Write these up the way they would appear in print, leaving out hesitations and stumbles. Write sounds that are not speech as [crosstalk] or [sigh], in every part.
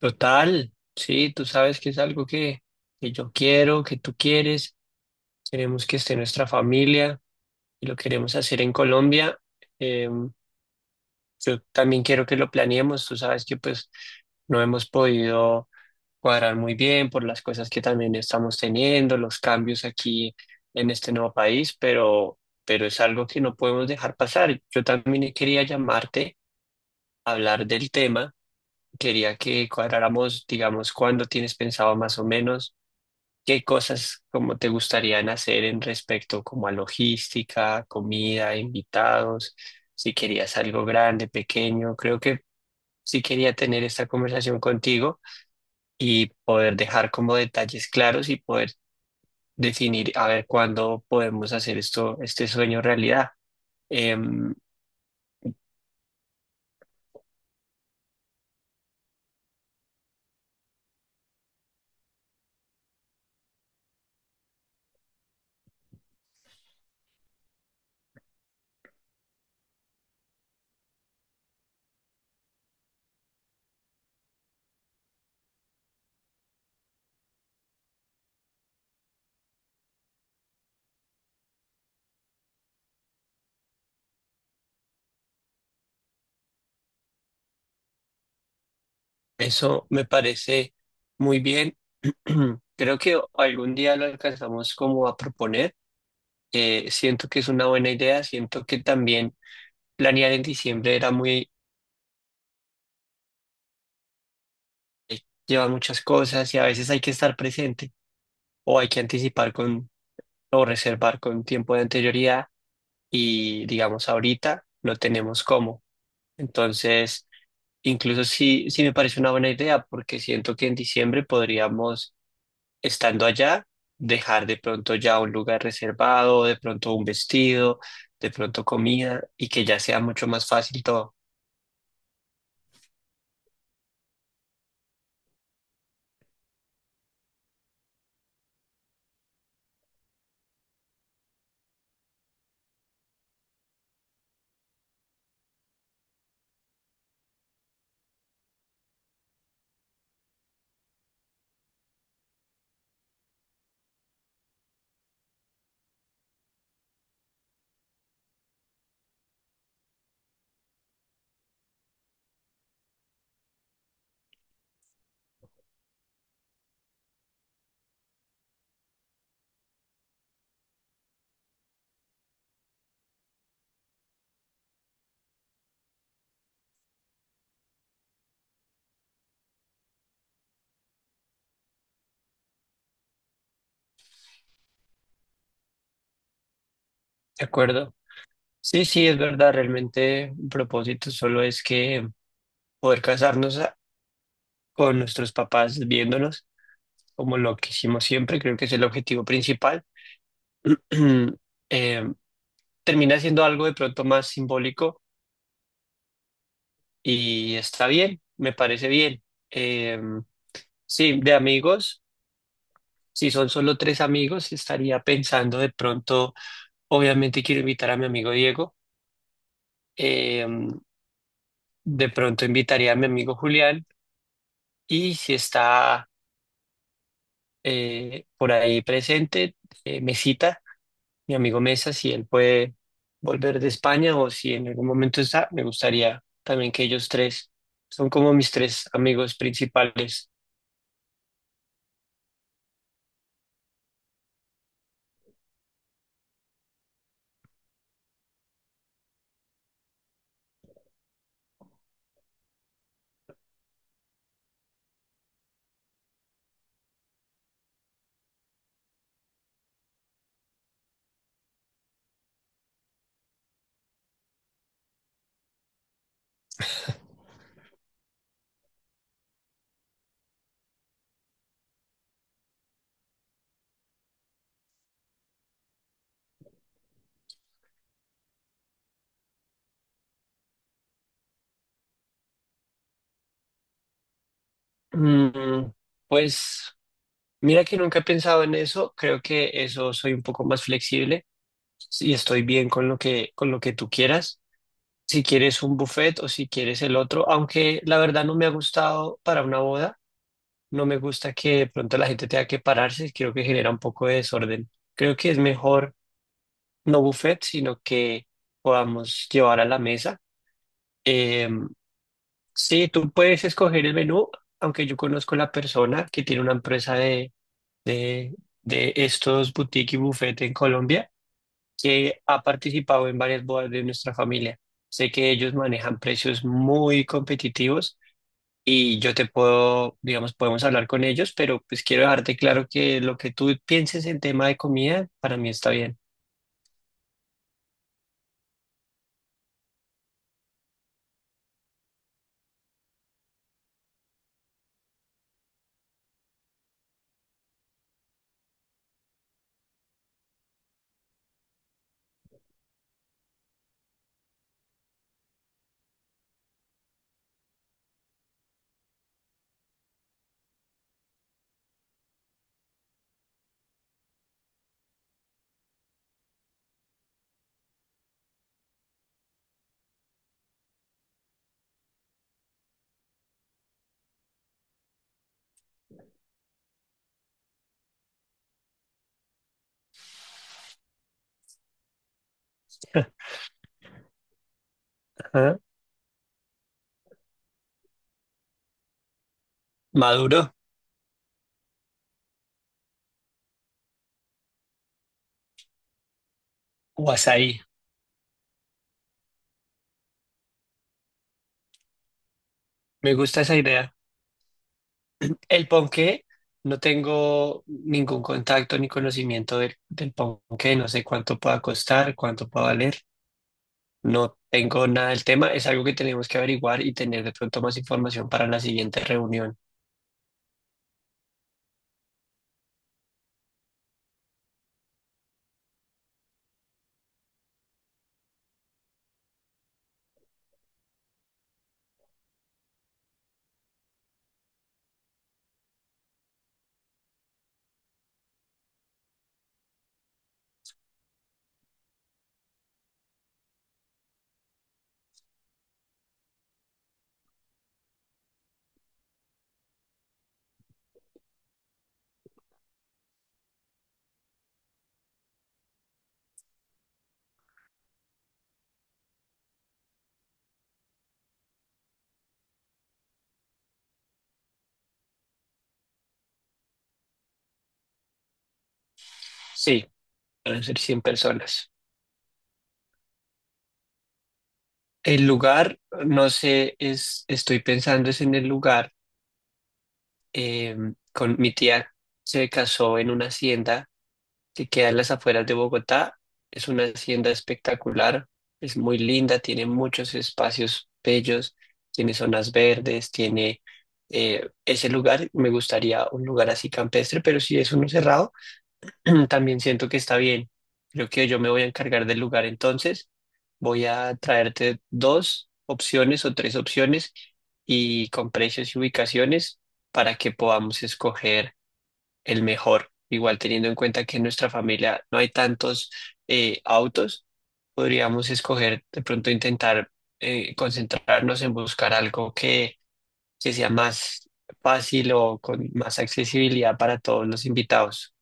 Total, sí, tú sabes que es algo que yo quiero, que tú quieres, queremos que esté nuestra familia y lo queremos hacer en Colombia. Eh, yo también quiero que lo planeemos, tú sabes que pues no hemos podido cuadrar muy bien por las cosas que también estamos teniendo, los cambios aquí en este nuevo país, pero es algo que no podemos dejar pasar. Yo también quería llamarte a hablar del tema, quería que cuadráramos, digamos, cuándo tienes pensado más o menos. ¿Qué cosas como te gustarían hacer en respecto como a logística, comida, invitados? Si querías algo grande, pequeño, creo que sí quería tener esta conversación contigo y poder dejar como detalles claros y poder definir a ver cuándo podemos hacer esto, este sueño realidad. Em, Eso me parece muy bien. [clears throat] Creo que algún día lo alcanzamos como a proponer. Siento que es una buena idea, siento que también planear en diciembre era muy, eh, lleva muchas cosas y a veces hay que estar presente o hay que anticipar con o reservar con tiempo de anterioridad y digamos ahorita no tenemos cómo. Entonces, incluso sí, sí me parece una buena idea porque siento que en diciembre podríamos, estando allá, dejar de pronto ya un lugar reservado, de pronto un vestido, de pronto comida y que ya sea mucho más fácil todo. ¿De acuerdo? Sí, sí, es verdad, realmente un propósito solo es que poder casarnos con nuestros papás viéndonos como lo que hicimos siempre, creo que es el objetivo principal. [clears throat] Eh, Termina siendo algo de pronto más simbólico y está bien, me parece bien. Eh, sí, de amigos, si son solo tres amigos, estaría pensando de pronto, obviamente quiero invitar a mi amigo Diego, eh, de pronto invitaría a mi amigo Julián y si está... por ahí presente, Mesita, mi amigo Mesa, si él puede volver de España o si en algún momento está, me gustaría también que ellos tres son como mis tres amigos principales. Mm, pues mira que nunca he pensado en eso, creo que eso soy un poco más flexible y estoy bien con lo que tú quieras. Si quieres un buffet o si quieres el otro, aunque la verdad no me ha gustado para una boda, no me gusta que de pronto la gente tenga que pararse, creo que genera un poco de desorden. Creo que es mejor no buffet, sino que podamos llevar a la mesa. Eh, sí, tú puedes escoger el menú, aunque yo conozco la persona que tiene una empresa de, de estos boutique y buffet en Colombia, que ha participado en varias bodas de nuestra familia. Sé que ellos manejan precios muy competitivos y yo te puedo, digamos, podemos hablar con ellos, pero pues quiero dejarte claro que lo que tú pienses en tema de comida, para mí está bien. Ajá. Maduro o azaí, me gusta esa idea. El ponqué, no tengo ningún contacto ni conocimiento del ponqué, no sé cuánto pueda costar, cuánto pueda valer, no tengo nada del tema, es algo que tenemos que averiguar y tener de pronto más información para la siguiente reunión. Sí, van a ser 100 personas. El lugar, no sé, es, estoy pensando es en el lugar, eh, con mi tía se casó en una hacienda que queda en las afueras de Bogotá. Es una hacienda espectacular, es muy linda, tiene muchos espacios bellos, tiene zonas verdes, tiene ese lugar, me gustaría un lugar así campestre, pero si es uno cerrado. [clears throat] También siento que está bien. Creo que yo me voy a encargar del lugar entonces. Voy a traerte dos opciones o tres opciones y con precios y ubicaciones para que podamos escoger el mejor. Igual teniendo en cuenta que en nuestra familia no hay tantos autos, podríamos escoger de pronto intentar concentrarnos en buscar algo que sea más fácil o con más accesibilidad para todos los invitados.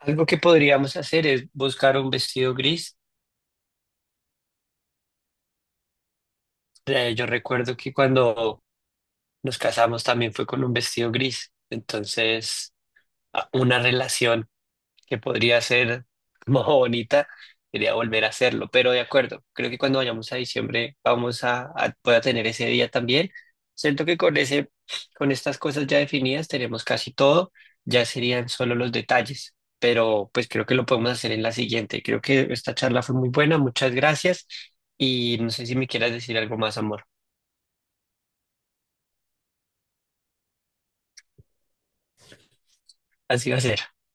Algo que podríamos hacer es buscar un vestido gris. Yo recuerdo que cuando nos casamos también fue con un vestido gris. Entonces, una relación que podría ser [laughs] más bonita, quería volver a hacerlo, pero de acuerdo, creo que cuando vayamos a diciembre vamos a voy a tener ese día también. Siento que con ese, con estas cosas ya definidas tenemos casi todo, ya serían solo los detalles, pero pues creo que lo podemos hacer en la siguiente. Creo que esta charla fue muy buena, muchas gracias y no sé si me quieras decir algo más, amor. Así va a ser.